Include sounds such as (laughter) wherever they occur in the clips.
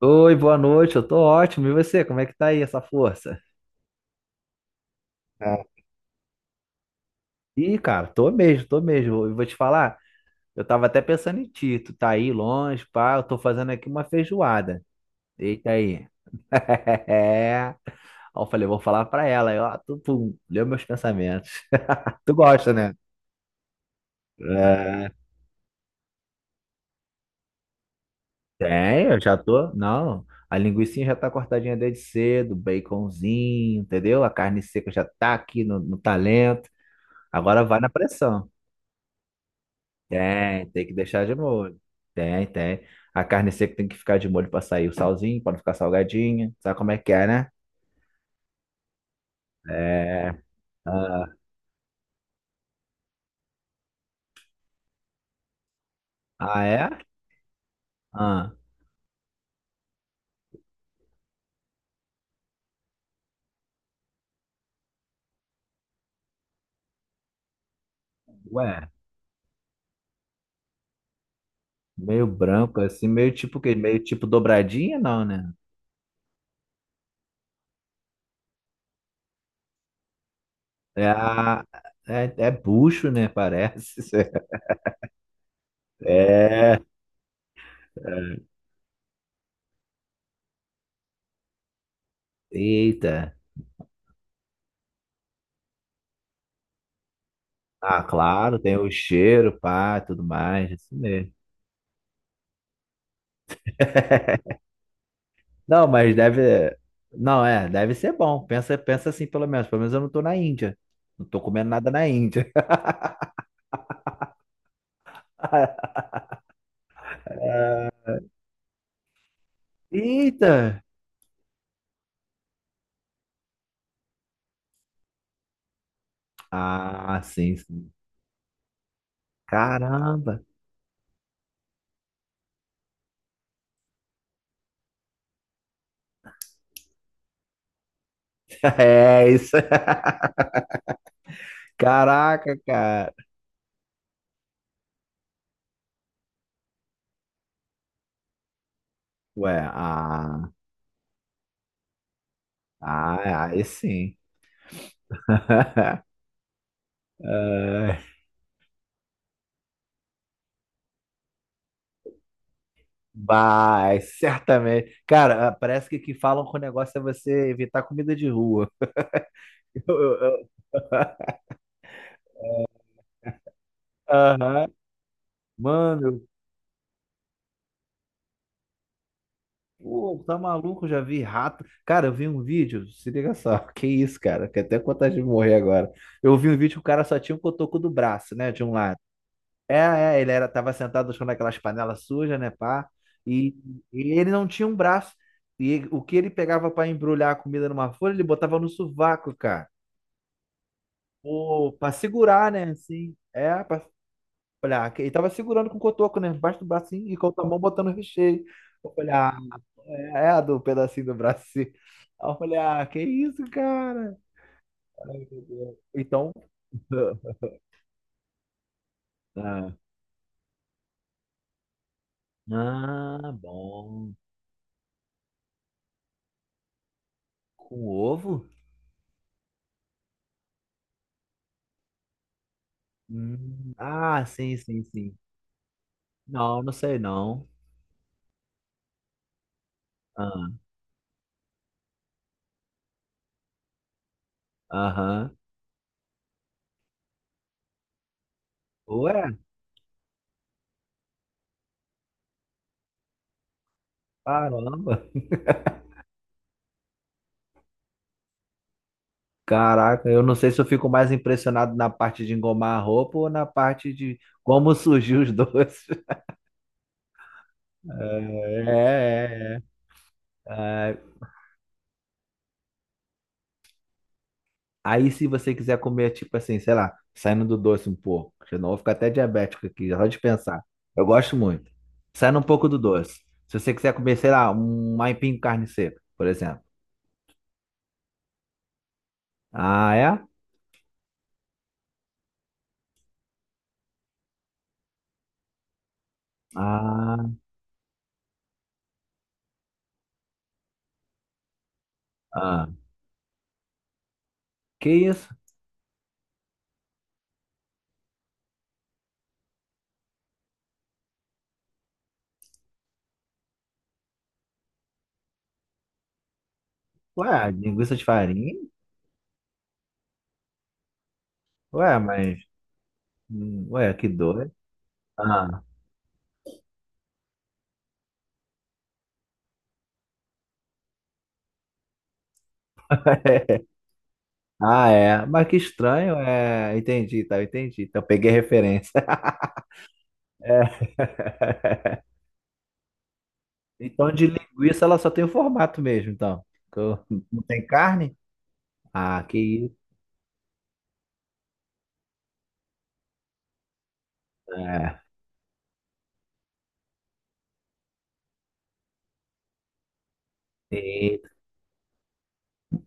Oi, boa noite, eu tô ótimo. E você, como é que tá aí essa força? Ah, ih, cara, tô mesmo, tô mesmo. Eu vou te falar, eu tava até pensando em ti, tu tá aí longe, pá, eu tô fazendo aqui uma feijoada. Eita aí. (laughs) É. Aí eu falei, vou falar pra ela, aí, ó, tu, pum, leu meus pensamentos. (laughs) Tu gosta, né? É, tem, eu já tô. Não, a linguiça já tá cortadinha desde cedo, baconzinho, entendeu? A carne seca já tá aqui no talento. Agora vai na pressão. Tem que deixar de molho. Tem, tem. A carne seca tem que ficar de molho para sair o salzinho, para não ficar salgadinha. Sabe como é que é, né? É. Ah, ah, é? Ah, ué, meio branco, assim, meio tipo o quê? Meio tipo dobradinha, não, né? É, é bucho, né? Parece. (laughs) É. Eita. Ah, claro, tem o cheiro, pá, tudo mais, isso mesmo. (laughs) Não, mas deve. Não, é, deve ser bom. Pensa, pensa assim, pelo menos. Pelo menos eu não tô na Índia. Não tô comendo nada na Índia. (laughs) Eita! Ah, sim, sim. Caramba! (laughs) É isso. (laughs) Caraca, cara. Ué, ah, ah, é, aí sim. (laughs) Ah, vai, certamente. Cara, ah, parece que o que falam com o negócio é você evitar comida de rua. (laughs) Eu- eu- eu- Aham. Mano, pô, tá maluco? Eu já vi rato. Cara, eu vi um vídeo, se liga só, (laughs) que isso, cara, que até vontade de morrer agora. Eu vi um vídeo que o cara só tinha um cotoco do braço, né, de um lado. É, é, ele era, tava sentado no chão naquelas panelas sujas, né, pá, e, e ele não tinha um braço. E o que ele pegava pra embrulhar a comida numa folha, ele botava no sovaco, cara. Pô, pra segurar, né, assim. É, pra falei, ah, ele tava segurando com o cotoco, né? Embaixo do braço, assim, e com a outra mão botando o recheio. Eu falei, ah, é a do pedacinho do braço, assim. Aí eu falei, ah, que isso, cara? Ai, meu Deus. Então. (laughs) Ah, ah, bom. Com ovo? Ah, sim, sim, sim. Não, não sei não. Ah, aham. Ué, caramba. Caraca, eu não sei se eu fico mais impressionado na parte de engomar a roupa ou na parte de como (laughs) surgiu os doces. É, é, é. Ah, aí se você quiser comer, tipo assim, sei lá, saindo do doce um pouco, senão eu vou ficar até diabético aqui, só de pensar. Eu gosto muito. Saindo um pouco do doce. Se você quiser comer, sei lá, um aipim com carne seca, por exemplo. Ah, é? Ah, ah. Que isso? Ué, linguiça de farinha? Ué, mas. Ué, que doido. Ah, (laughs) ah, é. Mas que estranho, é. Entendi, tá, entendi. Então peguei a referência. Então, de linguiça, ela só tem o formato mesmo, então. Que eu- Não tem carne? Ah, que isso. É. Eita.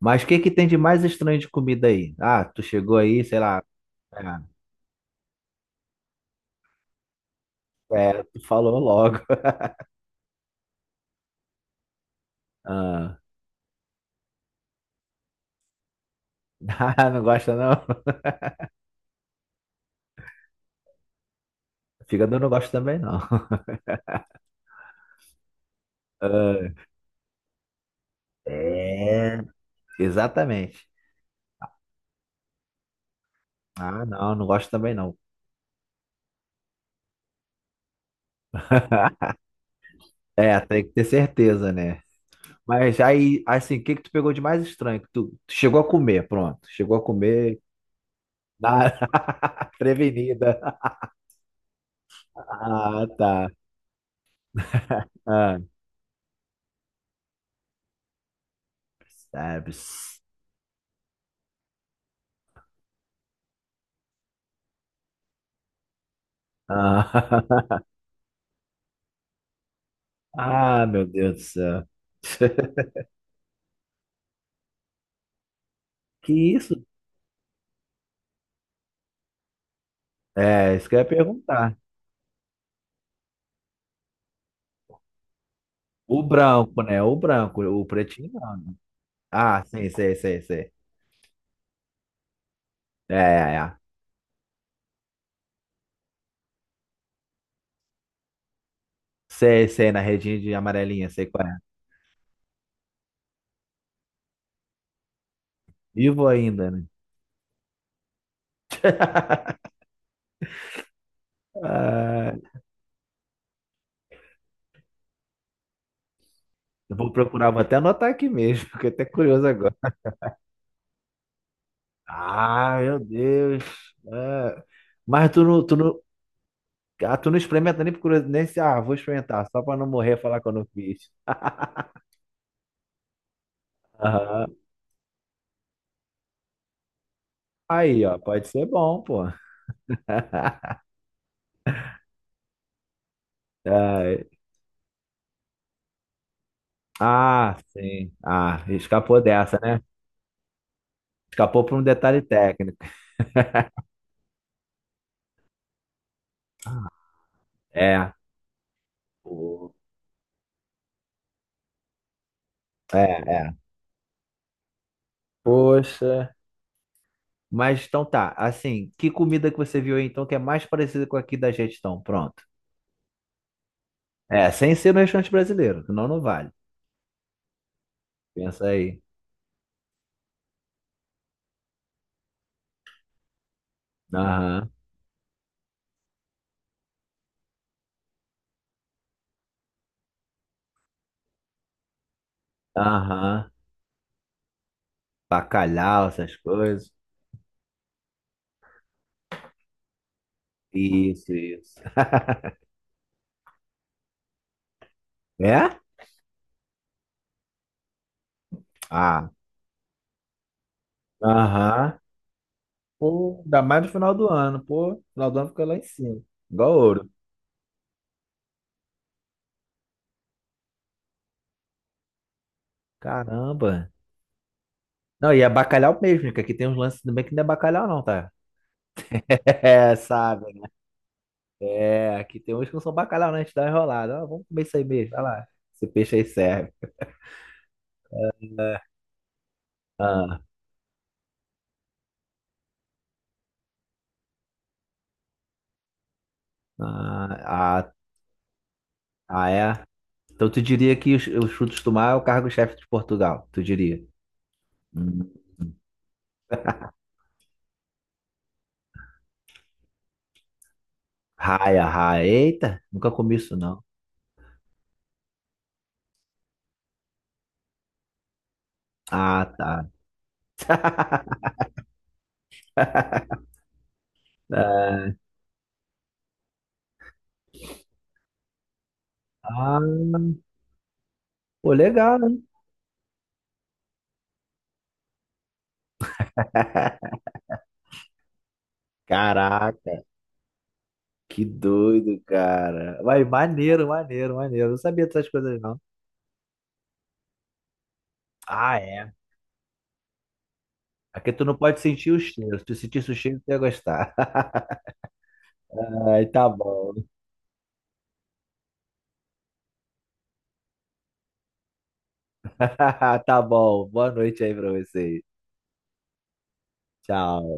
Mas o que que tem de mais estranho de comida aí? Ah, tu chegou aí, sei lá. É, é, tu falou logo. Ah, (laughs) ah, não gosta não? Fígado eu não gosto também não. (laughs) Ah, é, exatamente. Ah, não, não gosto também não. (laughs) É, tem que ter certeza, né? Mas aí, assim, o que que tu pegou de mais estranho? Que tu chegou a comer, pronto. Chegou a comer. Ah, (laughs) prevenida. Ah, tá. Ah, sabes. Ah, (laughs) ah, meu Deus do céu. (laughs) Que isso? É, isso que eu ia perguntar. O branco, né? O branco, o pretinho não, né? Ah, sim, sei, sei, sei. É, é, é. Sei, sei, na redinha de amarelinha, sei qual é. Vivo ainda, né? Ah, eu vou procurar, vou até anotar aqui mesmo, (laughs) fiquei até curioso agora. Ah, meu Deus. Ah, mas tu não experimenta nem por curiosidade, nem, se, ah, vou experimentar, só pra não morrer e falar que eu não fiz. Aham. Aí, ó, pode ser bom, pô. (laughs) Ai. Ah, sim. Ah, escapou dessa, né? Escapou por um detalhe técnico. (laughs) É. Pô. É, é. Poxa. Mas então tá, assim, que comida que você viu aí então que é mais parecida com aqui da gente então? Pronto. É, sem ser no restaurante brasileiro, senão não vale. Pensa aí. Aham, aham. Bacalhau, essas coisas. Isso, isso. (laughs) É? Ah, aham. Pô, ainda mais no final do ano, pô. No final do ano fica lá em cima. Igual ouro. Caramba. Não, e é bacalhau mesmo, que aqui tem uns lances também que não é bacalhau não, tá? (laughs) É, sabe, né? É, aqui tem uns que não são bacalhau, né? A gente dá uma enrolada. Ah, vamos comer isso aí mesmo, vai lá. Esse peixe aí serve. Ah, ah, ah, ah, é? Então tu diria que os frutos do mar é o cargo-chefe de Portugal, tu diria? Hum. Raia, raia. Eita, nunca comi isso não. Ah, tá. É. Ah, pô, legal, hein? (laughs) Caraca, que doido, cara. Vai, maneiro, maneiro, maneiro. Eu não sabia dessas coisas, não. Ah, é. Aqui tu não pode sentir o cheiro. Se tu sentisse o cheiro, tu ia gostar. (laughs) Ai, tá bom. (laughs) Tá bom. Boa noite aí pra vocês. Tchau.